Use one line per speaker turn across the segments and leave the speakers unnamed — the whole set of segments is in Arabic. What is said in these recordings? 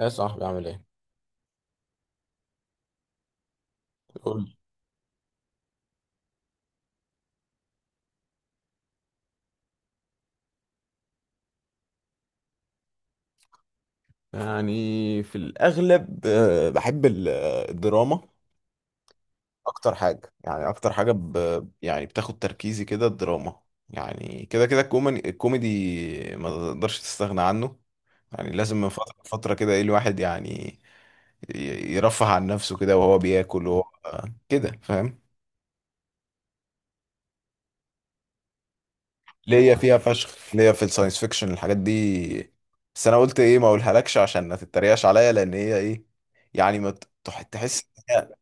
يا صاحبي عامل ايه؟ قول لي. يعني في الأغلب بحب الدراما. أكتر حاجة، يعني أكتر حاجة يعني بتاخد تركيزي كده الدراما. يعني كده كده الكوميدي ما تقدرش تستغنى عنه. يعني لازم من فترة لفترة كده إيه الواحد يعني يرفه عن نفسه كده وهو بياكل وهو كده، فاهم. ليا فيها فشخ، ليا في الساينس فيكشن الحاجات دي. بس انا قلت ايه ما اقولهالكش عشان ما تتريقش عليا، لان هي ايه، يعني ما تحس إن هي.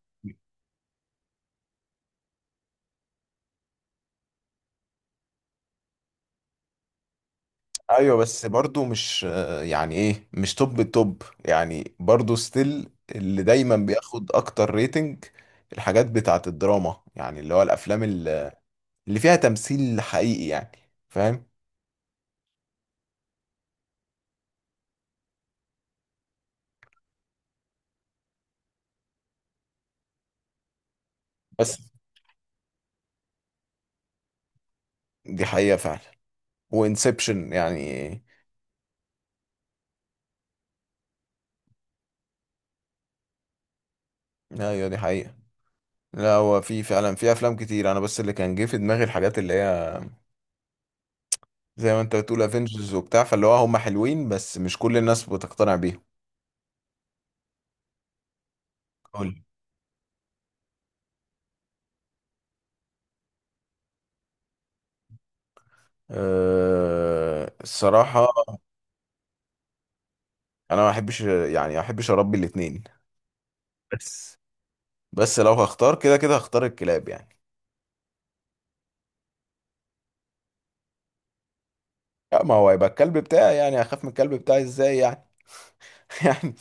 ايوه بس برضو مش يعني ايه، مش توب التوب، يعني برضو ستيل اللي دايما بياخد اكتر ريتنج. الحاجات بتاعت الدراما، يعني اللي هو الافلام اللي فيها تمثيل حقيقي يعني. فاهم. بس دي حقيقة فعلا. وانسبشن يعني. ايوه دي حقيقة. لا، هو في فعلا، في افلام كتير، انا بس اللي كان جه في دماغي الحاجات اللي هي زي ما انت بتقول افنجرز وبتاع، فاللي هو هم حلوين بس مش كل الناس بتقتنع بيهم. قول. أه الصراحة، انا ما احبش، يعني ما احبش اربي الاتنين. بس بس لو هختار، كده كده هختار الكلاب يعني. لا، ما هو هيبقى الكلب بتاعي، يعني هخاف من الكلب بتاعي ازاي يعني؟ يعني،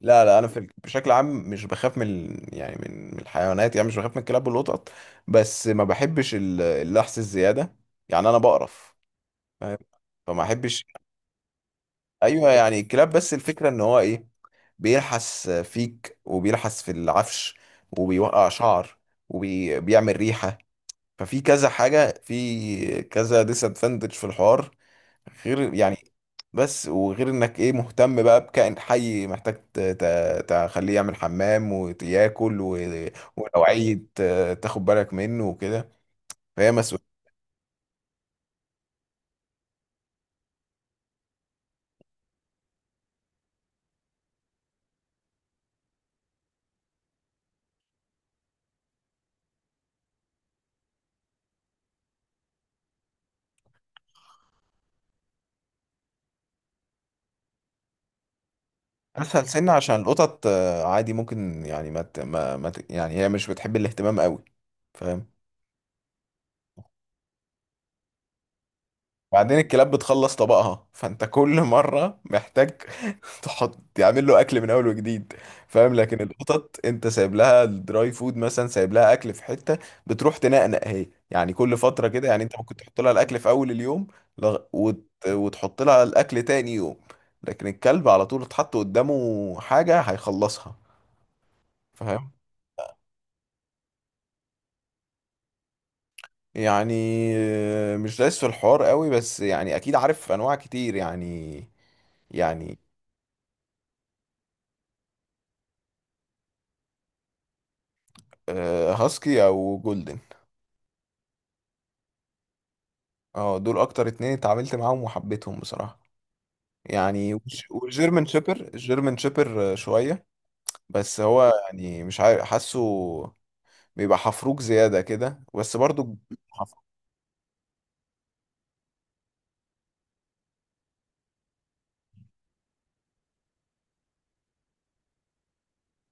لا انا بشكل عام مش بخاف من يعني من الحيوانات، يعني مش بخاف من الكلاب والقطط. بس ما بحبش اللحس الزيادة، يعني انا بقرف. فاهم؟ فما احبش. ايوه يعني الكلاب، بس الفكره ان هو ايه، بيلحس فيك وبيلحس في العفش وبيوقع شعر وبيعمل ريحه. ففي كذا حاجه، في كذا ديس ادفانتج في الحوار، غير يعني. بس، وغير انك ايه مهتم بقى بكائن حي محتاج تخليه يعمل حمام وياكل و، ولو عيد تاخد بالك منه وكده. فهي مسؤوليه. اسهل سن عشان القطط عادي ممكن يعني ما, ت... ما... ما ت... يعني هي مش بتحب الاهتمام قوي. فاهم. بعدين الكلاب بتخلص طبقها، فانت كل مره محتاج تحط تعمل له اكل من اول وجديد. فاهم. لكن القطط انت سايب لها الدراي فود مثلا، سايب لها اكل في حته، بتروح تنقنق هي يعني كل فتره كده. يعني انت ممكن تحط لها الاكل في اول اليوم، وتحط لها الاكل تاني يوم. لكن الكلب على طول اتحط قدامه حاجه هيخلصها. فاهم. يعني مش دايس في الحوار قوي، بس يعني اكيد عارف انواع كتير يعني. يعني هاسكي او جولدن. اه دول اكتر اتنين اتعاملت معاهم وحبيتهم بصراحة يعني. والجيرمن شيبر، الجيرمن شيبر شوية، بس هو يعني مش عارف حاسه بيبقى حفروك زيادة كده بس برضو. حفروك.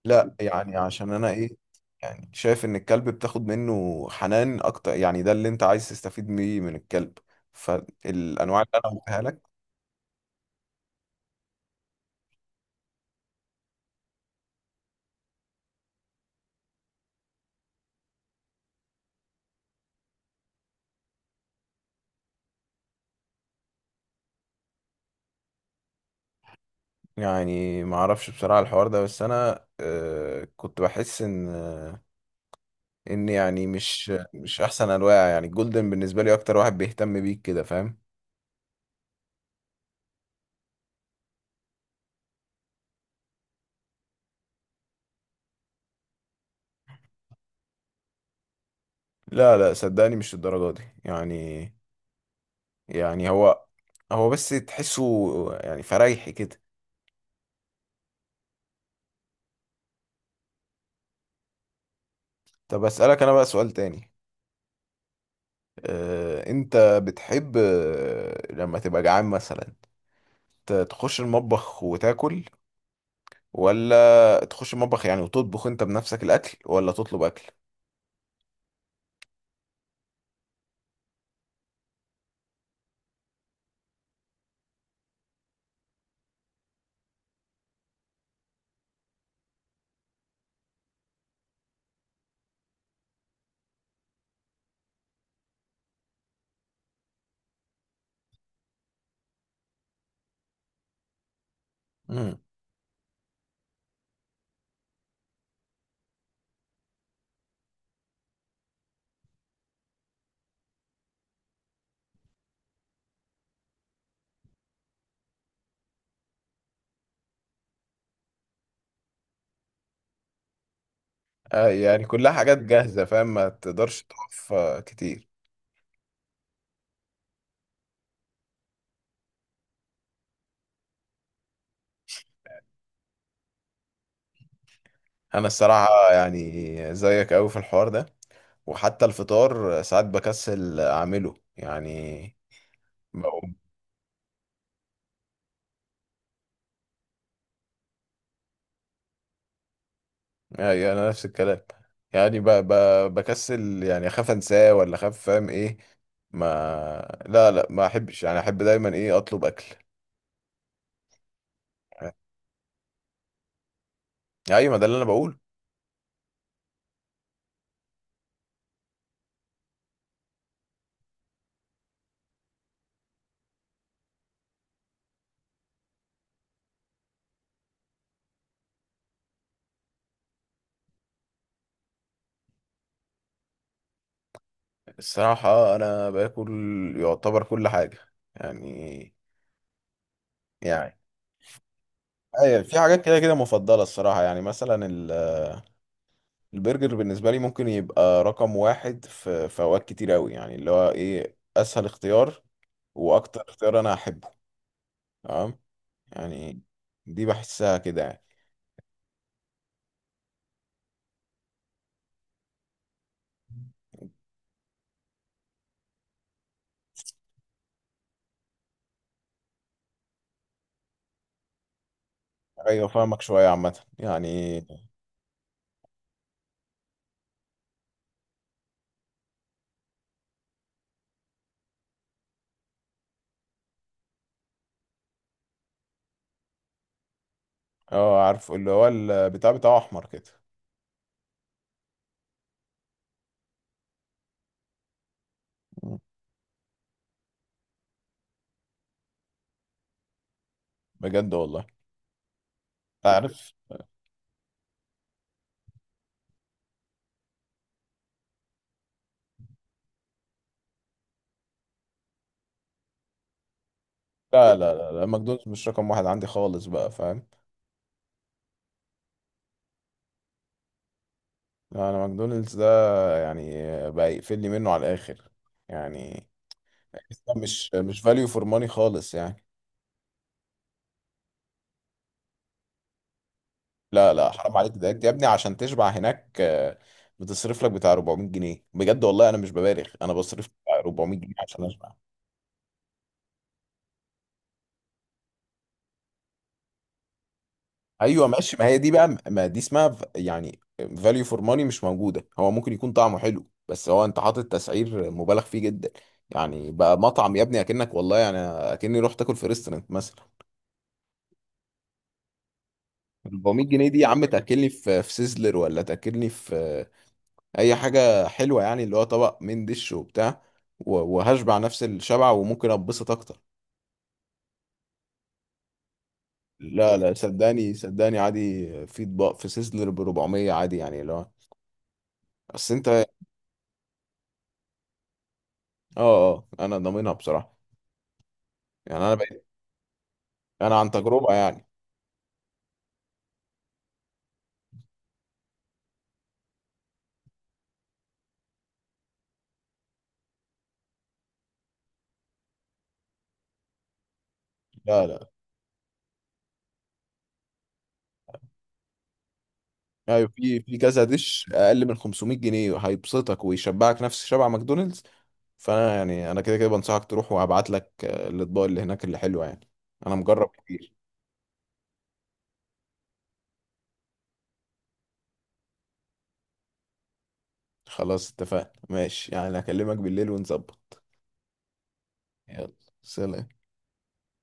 لا يعني، عشان انا ايه، يعني شايف ان الكلب بتاخد منه حنان اكتر، يعني ده اللي انت عايز تستفيد بيه من الكلب، فالانواع اللي انا قلتها لك. يعني ما اعرفش بصراحة الحوار ده، بس انا كنت بحس ان يعني مش احسن انواع، يعني الجولدن بالنسبة لي اكتر واحد بيهتم بيك كده، فاهم. لا لا صدقني مش الدرجة دي يعني. يعني هو، هو بس تحسه يعني فريحي كده. طب اسألك انا بقى سؤال تاني. انت بتحب لما تبقى جعان مثلا تخش المطبخ وتاكل، ولا تخش المطبخ يعني وتطبخ انت بنفسك الاكل، ولا تطلب اكل؟ يعني كلها حاجات جاهزة، فاهم، ما تقدرش تقف كتير. انا الصراحة يعني زيك قوي في الحوار ده. وحتى الفطار ساعات بكسل اعمله يعني. بقوم، يعني انا نفس الكلام يعني بكسل، يعني اخاف انساه ولا اخاف، فاهم ايه. ما، لا لا ما احبش، يعني احب دايما ايه اطلب اكل. آه، ايوه ما ده اللي انا بقول. الصراحة انا باكل يعتبر كل حاجة يعني. يعني ايوه في حاجات، كده كده مفضلة الصراحة. يعني مثلا البرجر بالنسبة لي ممكن يبقى رقم واحد في في اوقات كتير اوي، يعني اللي هو ايه اسهل اختيار واكتر اختيار انا احبه. تمام. يعني دي بحسها كده يعني. ايوه فاهمك، شوية عامة يعني. اه عارف، اللي هو البتاع بتاعه احمر كده. مم. بجد والله. عارف. لا لا لا, لا ماكدونالدز مش رقم واحد عندي خالص بقى، فاهم. لا، انا ماكدونالدز ده يعني بقى يقفلني منه على الاخر يعني. مش فاليو فور ماني خالص يعني. لا لا حرام عليك، ده يا ابني عشان تشبع هناك بتصرف لك بتاع 400 جنيه، بجد والله انا مش ببالغ، انا بصرف بتاع 400 جنيه عشان اشبع. ايوه ماشي، ما هي دي بقى ما دي اسمها يعني فاليو فور ماني مش موجوده. هو ممكن يكون طعمه حلو، بس هو انت حاطط تسعير مبالغ فيه جدا، يعني بقى مطعم يا ابني، اكنك والله يعني اكني رحت اكل في ريستورانت مثلا. 400 جنيه دي يا عم تاكلني في في سيزلر، ولا تاكلني في اي حاجه حلوه، يعني اللي هو طبق من دش وبتاع، و، وهشبع نفس الشبع وممكن اتبسط اكتر. لا لا صدقني صدقني عادي، في اطباق في سيزلر ب 400 عادي، يعني اللي هو، بس انت اه. اه انا ضامنها بصراحه، يعني انا بقيت، انا عن تجربه يعني. لا لا ايوه، في في كذا دش اقل من 500 جنيه هيبسطك ويشبعك نفس شبع ماكدونالدز. فانا يعني انا كده كده بنصحك تروح، وهبعت لك الاطباق اللي هناك اللي حلوه يعني، انا مجرب كتير. خلاص اتفقنا ماشي، يعني هكلمك بالليل ونظبط. يلا. سلام.